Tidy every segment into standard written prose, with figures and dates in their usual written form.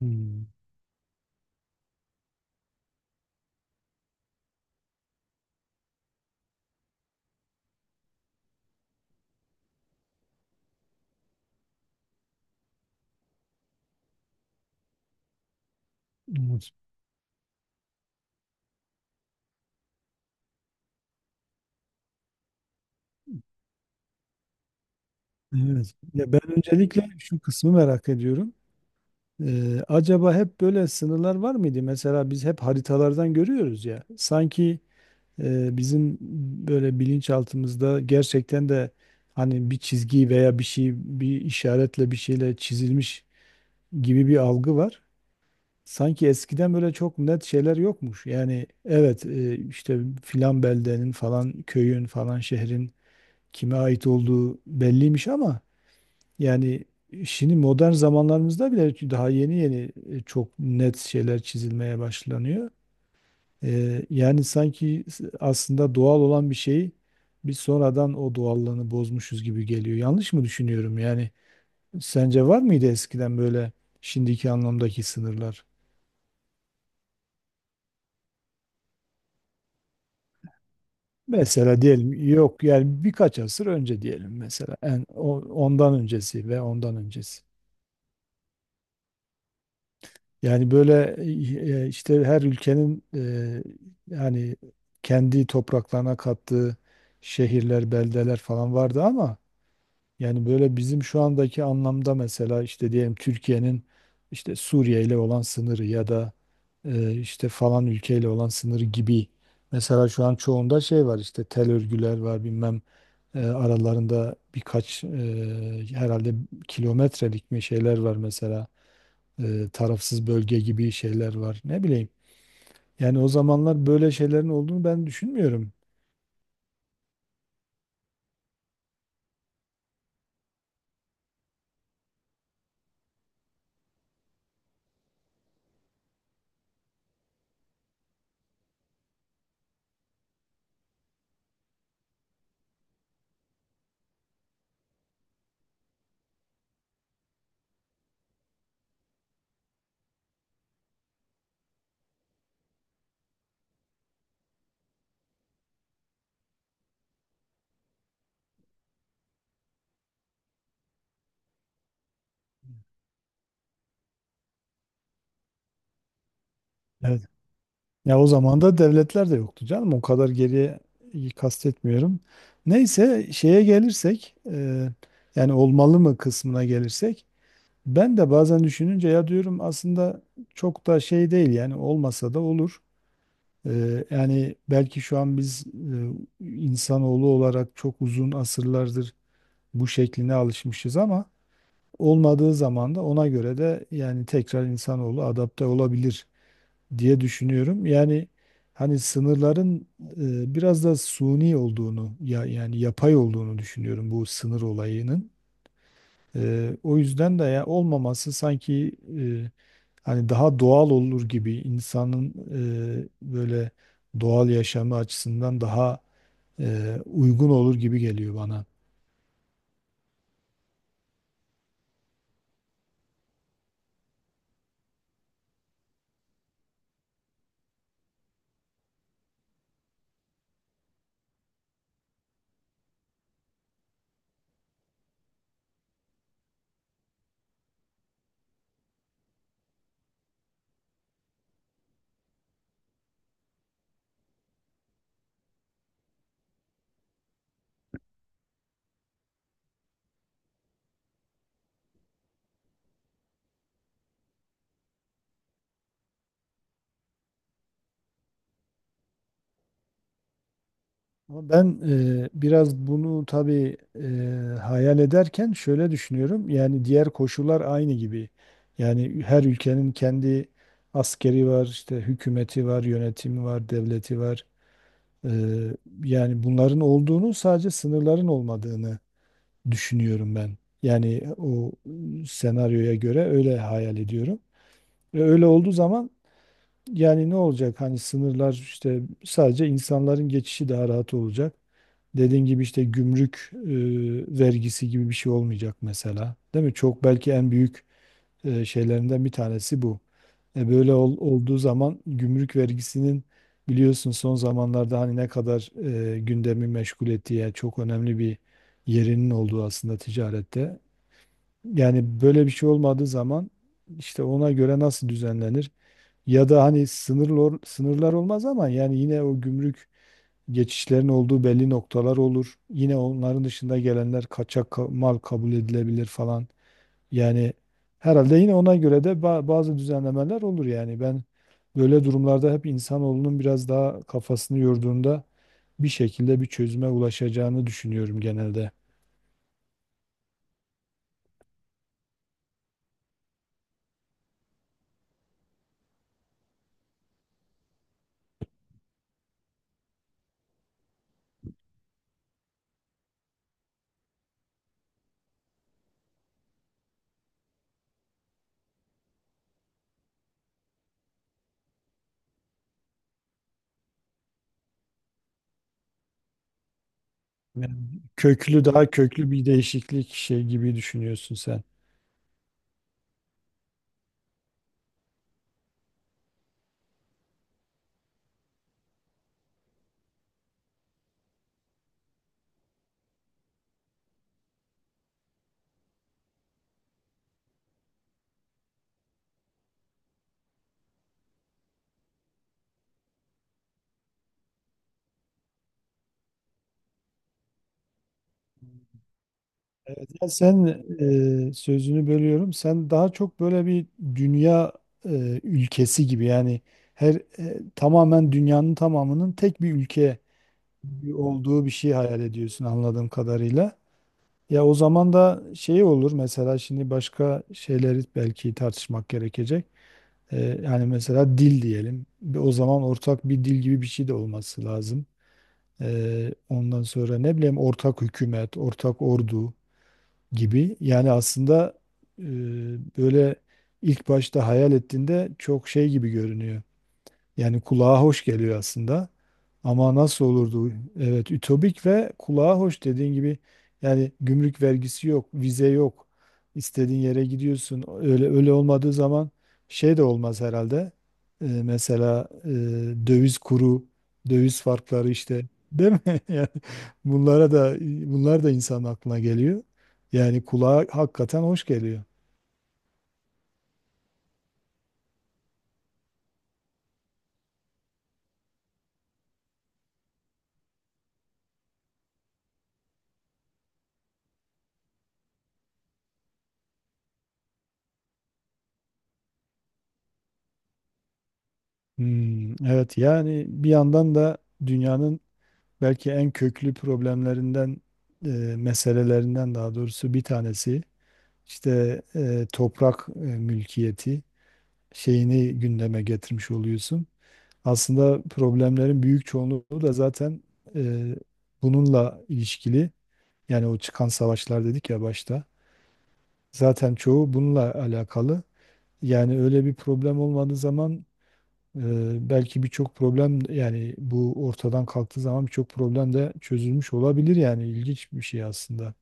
Hmm, evet. Evet. Ya ben öncelikle şu kısmı merak ediyorum. Acaba hep böyle sınırlar var mıydı? Mesela biz hep haritalardan görüyoruz ya. Sanki bizim böyle bilinçaltımızda gerçekten de hani bir çizgi veya bir şey, bir işaretle bir şeyle çizilmiş gibi bir algı var. Sanki eskiden böyle çok net şeyler yokmuş. Yani evet, işte filan beldenin falan köyün falan şehrin kime ait olduğu belliymiş, ama yani, şimdi modern zamanlarımızda bile daha yeni yeni, çok net şeyler çizilmeye başlanıyor. Yani sanki aslında doğal olan bir şeyi biz sonradan o doğallığını bozmuşuz gibi geliyor. Yanlış mı düşünüyorum? Yani sence var mıydı eskiden böyle şimdiki anlamdaki sınırlar? Mesela diyelim yok, yani birkaç asır önce diyelim, mesela ondan öncesi ve ondan öncesi. Yani böyle, işte her ülkenin, yani kendi topraklarına kattığı şehirler, beldeler falan vardı, ama yani böyle bizim şu andaki anlamda, mesela işte diyelim Türkiye'nin işte Suriye ile olan sınırı ya da işte falan ülkeyle olan sınırı gibi, mesela şu an çoğunda şey var, işte tel örgüler var, bilmem, aralarında birkaç, herhalde kilometrelik mi şeyler var mesela, tarafsız bölge gibi şeyler var. Ne bileyim. Yani o zamanlar böyle şeylerin olduğunu ben düşünmüyorum. Evet. Ya o zaman da devletler de yoktu canım. O kadar geriye kastetmiyorum. Neyse şeye gelirsek, yani olmalı mı kısmına gelirsek, ben de bazen düşününce ya diyorum aslında çok da şey değil, yani olmasa da olur. Yani belki şu an biz, insanoğlu olarak çok uzun asırlardır bu şekline alışmışız, ama olmadığı zaman da ona göre de, yani tekrar insanoğlu adapte olabilir diye düşünüyorum. Yani hani sınırların, biraz da suni olduğunu, ya yani yapay olduğunu düşünüyorum bu sınır olayının. O yüzden de ya olmaması sanki, e, hani daha doğal olur gibi, insanın, böyle doğal yaşamı açısından daha uygun olur gibi geliyor bana. Ama ben, biraz bunu tabii, hayal ederken şöyle düşünüyorum. Yani diğer koşullar aynı gibi. Yani her ülkenin kendi askeri var, işte hükümeti var, yönetimi var, devleti var. E, Yani bunların olduğunu, sadece sınırların olmadığını düşünüyorum ben. Yani o senaryoya göre öyle hayal ediyorum. Ve öyle olduğu zaman yani ne olacak? Hani sınırlar, işte sadece insanların geçişi daha rahat olacak. Dediğin gibi, işte gümrük vergisi gibi bir şey olmayacak mesela. Değil mi? Çok belki en büyük şeylerinden bir tanesi bu. Böyle olduğu zaman gümrük vergisinin, biliyorsun son zamanlarda hani ne kadar gündemi meşgul ettiği, yani çok önemli bir yerinin olduğu aslında ticarette. Yani böyle bir şey olmadığı zaman, işte ona göre nasıl düzenlenir? Ya da hani sınırlar, olmaz ama yani yine o gümrük geçişlerin olduğu belli noktalar olur. Yine onların dışında gelenler kaçak mal kabul edilebilir falan. Yani herhalde yine ona göre de bazı düzenlemeler olur yani. Ben böyle durumlarda hep insanoğlunun biraz daha kafasını yorduğunda bir şekilde bir çözüme ulaşacağını düşünüyorum genelde. Yani köklü, daha köklü bir değişiklik şey gibi düşünüyorsun sen. Evet, ya sen, sözünü bölüyorum. Sen daha çok böyle bir dünya ülkesi gibi, yani her, tamamen dünyanın tamamının tek bir ülke olduğu bir şey hayal ediyorsun anladığım kadarıyla. Ya o zaman da şey olur mesela, şimdi başka şeyleri belki tartışmak gerekecek. Yani mesela dil diyelim. O zaman ortak bir dil gibi bir şey de olması lazım. Ondan sonra ne bileyim, ortak hükümet, ortak ordu gibi. Yani aslında, e, böyle ilk başta hayal ettiğinde çok şey gibi görünüyor. Yani kulağa hoş geliyor aslında. Ama nasıl olurdu? Evet, ütopik ve kulağa hoş dediğin gibi, yani gümrük vergisi yok, vize yok. İstediğin yere gidiyorsun. Öyle öyle olmadığı zaman şey de olmaz herhalde. Mesela, döviz kuru, döviz farkları işte, değil mi? Yani bunlara da, bunlar da insanın aklına geliyor. Yani kulağa hakikaten hoş geliyor. Hmm, evet, yani bir yandan da dünyanın belki en köklü problemlerinden, e, meselelerinden daha doğrusu bir tanesi, işte toprak mülkiyeti şeyini gündeme getirmiş oluyorsun. Aslında problemlerin büyük çoğunluğu da zaten e, bununla ilişkili. Yani o çıkan savaşlar dedik ya başta. Zaten çoğu bununla alakalı. Yani öyle bir problem olmadığı zaman, belki birçok problem, yani bu ortadan kalktığı zaman birçok problem de çözülmüş olabilir, yani ilginç bir şey aslında.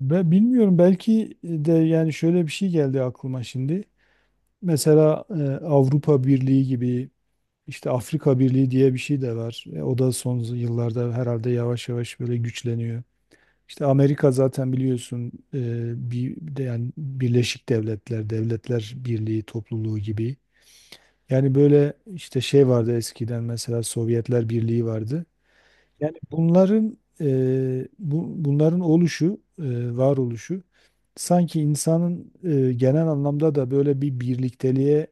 Ve bilmiyorum, belki de yani şöyle bir şey geldi aklıma şimdi. Mesela, Avrupa Birliği gibi, işte Afrika Birliği diye bir şey de var. E, o da son yıllarda herhalde yavaş yavaş böyle güçleniyor. İşte Amerika zaten, biliyorsun, bir de yani Birleşik Devletler, Devletler Birliği topluluğu gibi. Yani böyle işte şey vardı eskiden, mesela Sovyetler Birliği vardı. Bunların, bunların oluşu, varoluşu sanki insanın, genel anlamda da böyle bir birlikteliğe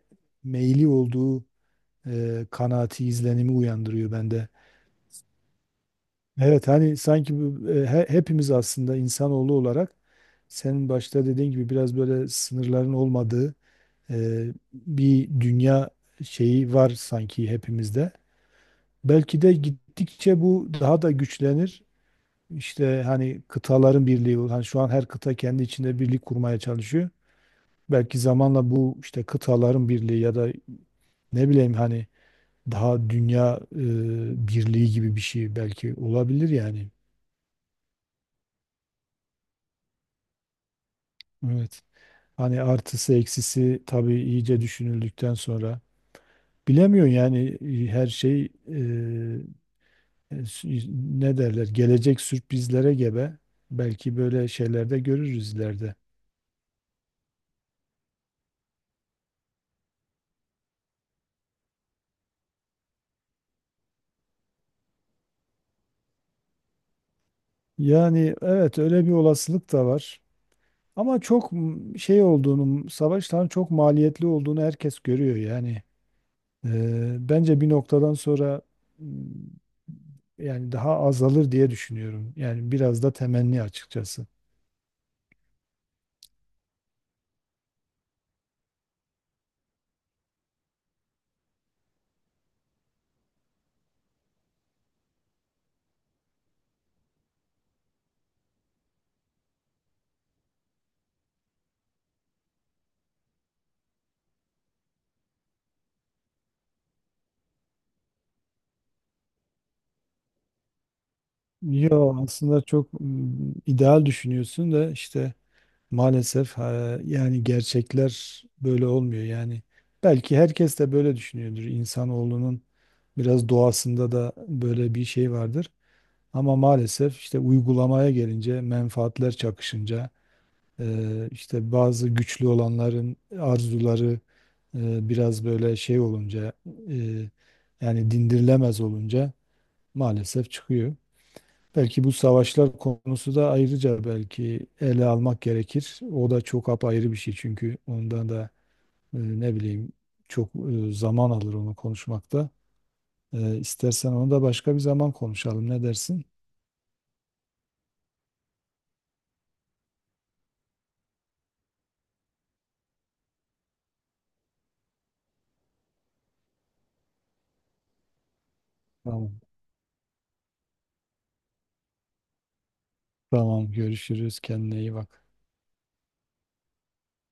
meyli olduğu kanaati, izlenimi uyandırıyor bende. Evet, hani sanki bu, hepimiz aslında insanoğlu olarak senin başta dediğin gibi biraz böyle sınırların olmadığı e, bir dünya şeyi var sanki hepimizde. Belki de gittikçe bu daha da güçlenir. İşte hani kıtaların birliği, hani şu an her kıta kendi içinde birlik kurmaya çalışıyor. Belki zamanla bu işte kıtaların birliği ya da ne bileyim, hani daha dünya birliği gibi bir şey belki olabilir yani. Evet. Hani artısı eksisi tabii iyice düşünüldükten sonra bilemiyorum, yani, her şey, e, s- ne derler, gelecek sürprizlere gebe. Belki böyle şeylerde görürüz ileride. Yani, evet, öyle bir olasılık da var. Ama çok şey olduğunu, savaşların çok maliyetli olduğunu herkes görüyor yani. Bence bir noktadan sonra, m, yani daha azalır diye düşünüyorum. Yani biraz da temenni açıkçası. Yo, aslında çok ideal düşünüyorsun da, işte maalesef, ha, yani gerçekler böyle olmuyor yani. Belki herkes de böyle düşünüyordur. İnsanoğlunun biraz doğasında da böyle bir şey vardır. Ama maalesef, işte uygulamaya gelince, menfaatler çakışınca, işte bazı güçlü olanların arzuları, biraz böyle şey olunca, e, yani dindirilemez olunca maalesef çıkıyor. Belki bu savaşlar konusu da ayrıca belki ele almak gerekir. O da çok apayrı bir şey, çünkü ondan da, ne bileyim, çok zaman alır onu konuşmakta. E, istersen onu da başka bir zaman konuşalım. Ne dersin? Tamam. Tamam, görüşürüz. Kendine iyi bak.